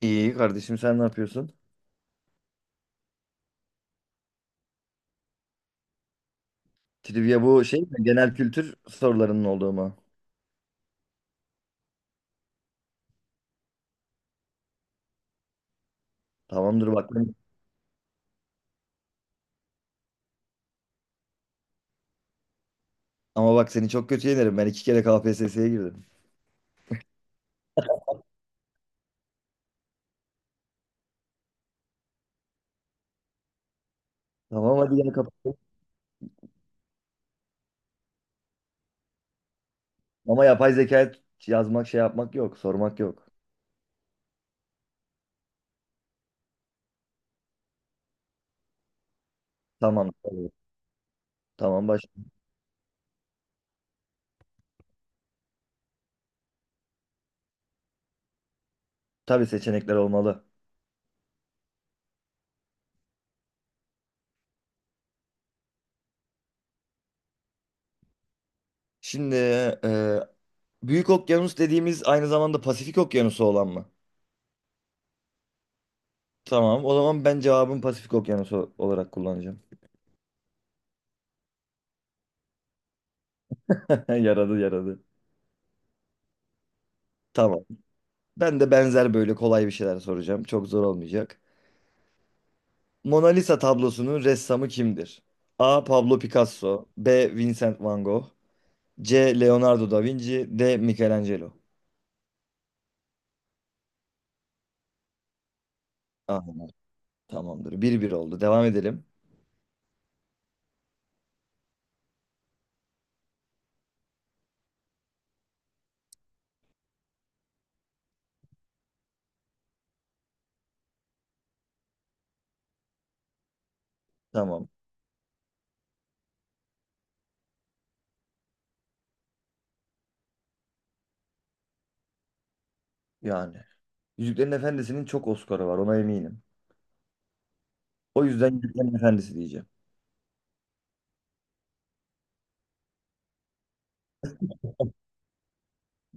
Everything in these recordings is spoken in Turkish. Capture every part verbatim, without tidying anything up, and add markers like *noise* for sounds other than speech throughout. İyi kardeşim, sen ne yapıyorsun? Trivia bu şey mi? Genel kültür sorularının olduğu mu? Tamamdır, bak. ben- Ama bak, seni çok kötü yenerim. Ben iki kere K P S S'ye girdim. Tamam, hadi gel kapatalım. Ama yapay zeka yazmak, şey yapmak yok. Sormak yok. Tamam. Tabii. Tamam, baş. Tabii, seçenekler olmalı. Şimdi e, Büyük Okyanus dediğimiz aynı zamanda Pasifik Okyanusu olan mı? Tamam, o zaman ben cevabım Pasifik Okyanusu olarak kullanacağım. *laughs* Yaradı, yaradı. Tamam. Ben de benzer böyle kolay bir şeyler soracağım. Çok zor olmayacak. Mona Lisa tablosunun ressamı kimdir? A. Pablo Picasso, B. Vincent Van Gogh, C. Leonardo da Vinci, D. Michelangelo. Ah, tamamdır. Bir bir oldu. Devam edelim. Tamam. Yani. Yüzüklerin Efendisi'nin çok Oscar'ı var, ona eminim. O yüzden Yüzüklerin Efendisi diyeceğim.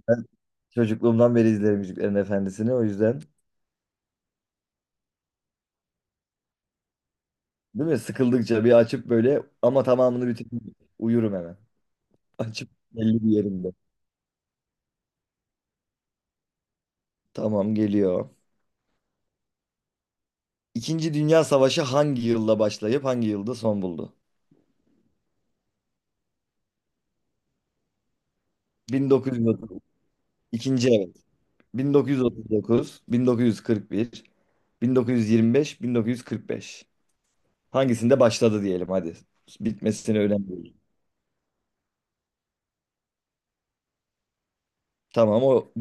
Ben çocukluğumdan beri izlerim Yüzüklerin Efendisi'ni, o yüzden. Değil mi? Sıkıldıkça bir açıp böyle, ama tamamını bitirip uyurum hemen. Açıp belli bir yerimde. Tamam, geliyor. İkinci Dünya Savaşı hangi yılda başlayıp hangi yılda son buldu? bin dokuz yüz otuz. İkinci, evet. bin dokuz yüz otuz dokuz, bin dokuz yüz kırk bir, bin dokuz yüz yirmi beş, bin dokuz yüz kırk beş. Hangisinde başladı diyelim hadi. Bitmesine önemli değil. Tamam, o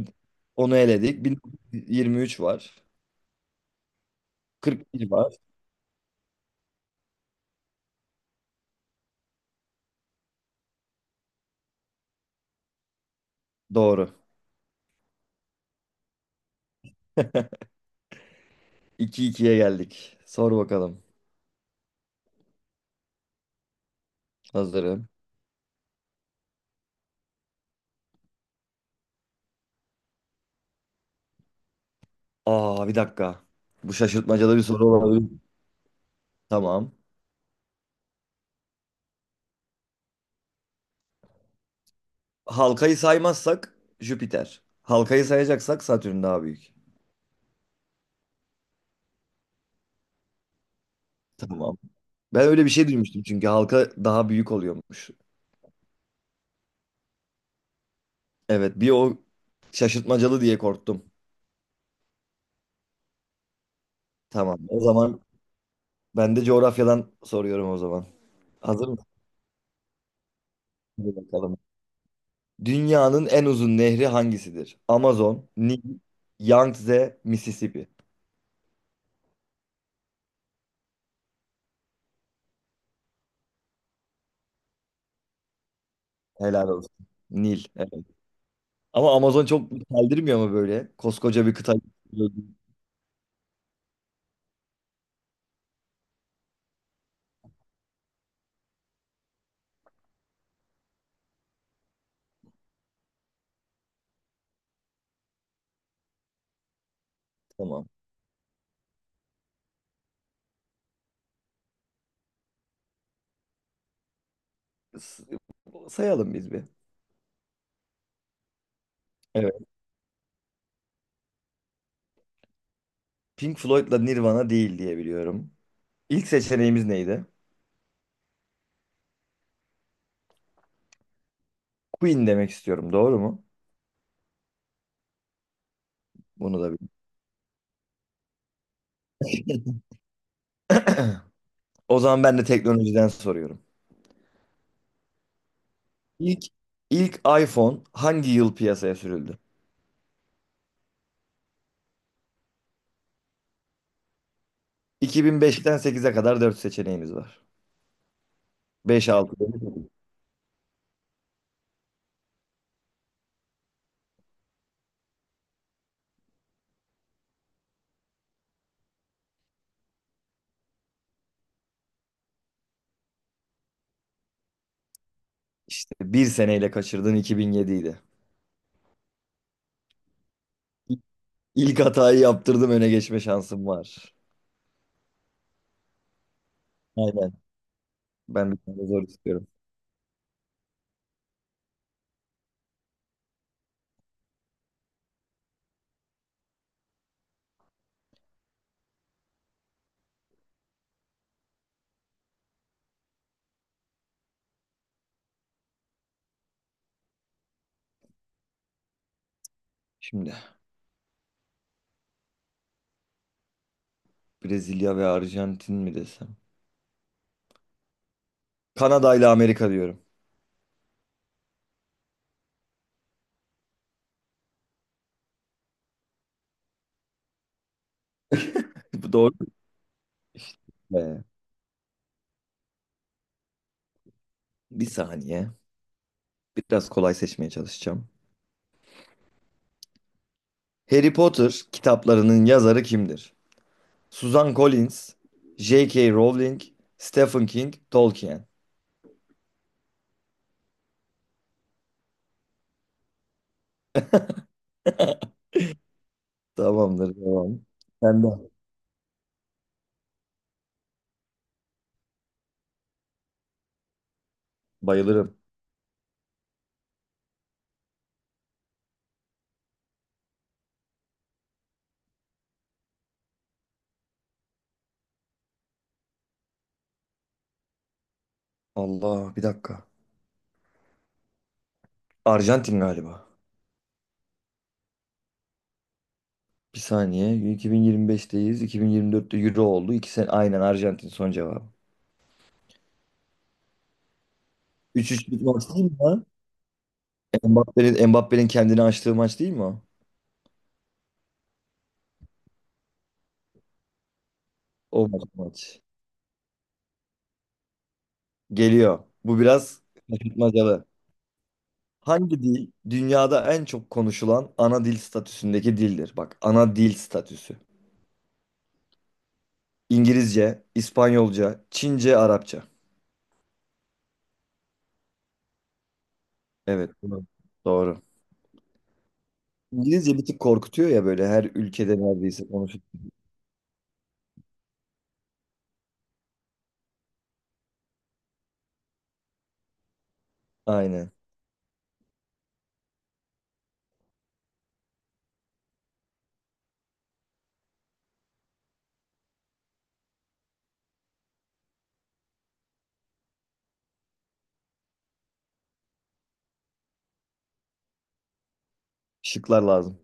onu eledik. bin dokuz yüz yirmi üç var. kırk bir var. Doğru. iki ikiye geldik. Sor bakalım. Hazırım. Aa, bir dakika. Bu şaşırtmacalı bir soru olabilir. Tamam. Halkayı saymazsak Jüpiter. Halkayı sayacaksak Satürn daha büyük. Tamam. Ben öyle bir şey duymuştum çünkü halka daha büyük oluyormuş. Evet, bir o şaşırtmacalı diye korktum. Tamam. O zaman ben de coğrafyadan soruyorum o zaman. Hazır mısın? Hadi bakalım. Dünyanın en uzun nehri hangisidir? Amazon, Nil, Yangtze, Mississippi. Helal olsun. Nil. Evet. Ama Amazon çok deldirmiyor mu böyle? Koskoca bir kıta. Tamam. S- Sayalım biz bir. Evet. Pink Floyd'la Nirvana değil diye biliyorum. İlk seçeneğimiz neydi? Queen demek istiyorum. Doğru mu? Bunu da bil. O zaman ben de teknolojiden soruyorum. İlk ilk iPhone hangi yıl piyasaya sürüldü? iki bin beşten sekize kadar dört seçeneğimiz var. beş altı yedi. İşte bir seneyle kaçırdığın iki bin yediydi. İlk hatayı yaptırdım, öne geçme şansım var. Aynen. Ben bir tane zor istiyorum. Şimdi Brezilya ve Arjantin mi desem? Kanada ile Amerika diyorum. *laughs* Bu doğru mu? Ee, Bir saniye. Biraz kolay seçmeye çalışacağım. Harry Potter kitaplarının yazarı kimdir? Suzan Collins, J K. Rowling, Stephen King, Tolkien. Tamamdır, devam. Ben de. Bayılırım. Allah, bir dakika. Arjantin galiba. Bir saniye. iki bin yirmi beşteyiz. iki bin yirmi dörtte Euro oldu. İki sene aynen, Arjantin son cevabı. üç üçlük maç değil mi lan? Mbappe'nin Mbappe'nin kendini açtığı maç değil mi o? O maç. maç. Geliyor. Bu biraz şaşırtmacalı. Hangi dil dünyada en çok konuşulan ana dil statüsündeki dildir? Bak, ana dil statüsü. İngilizce, İspanyolca, Çince, Arapça. Evet, bunu- doğru. İngilizce bir tık korkutuyor ya, böyle her ülkede neredeyse konuşuyor. Aynen. Şıklar lazım.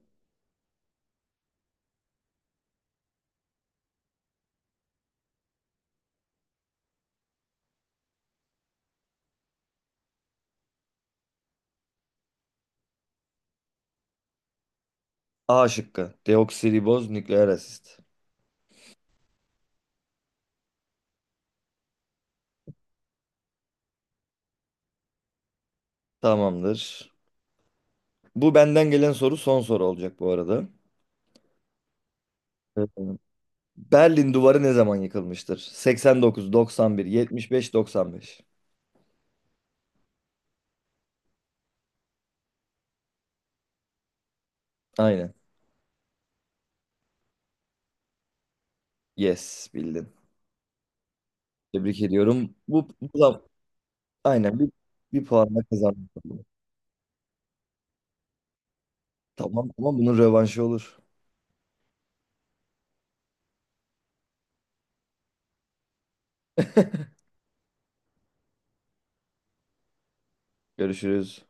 A şıkkı. Deoksiriboz nükleer asit. Tamamdır. Bu benden gelen soru son soru olacak bu arada. Evet. Berlin Duvarı ne zaman yıkılmıştır? seksen dokuz, doksan bir, yetmiş beş, doksan beş. Aynen. Yes, bildin. Tebrik ediyorum. Bu, bu da aynen bir, bir puanla kazandım. Tamam, ama bunun rövanşı olur. *laughs* Görüşürüz.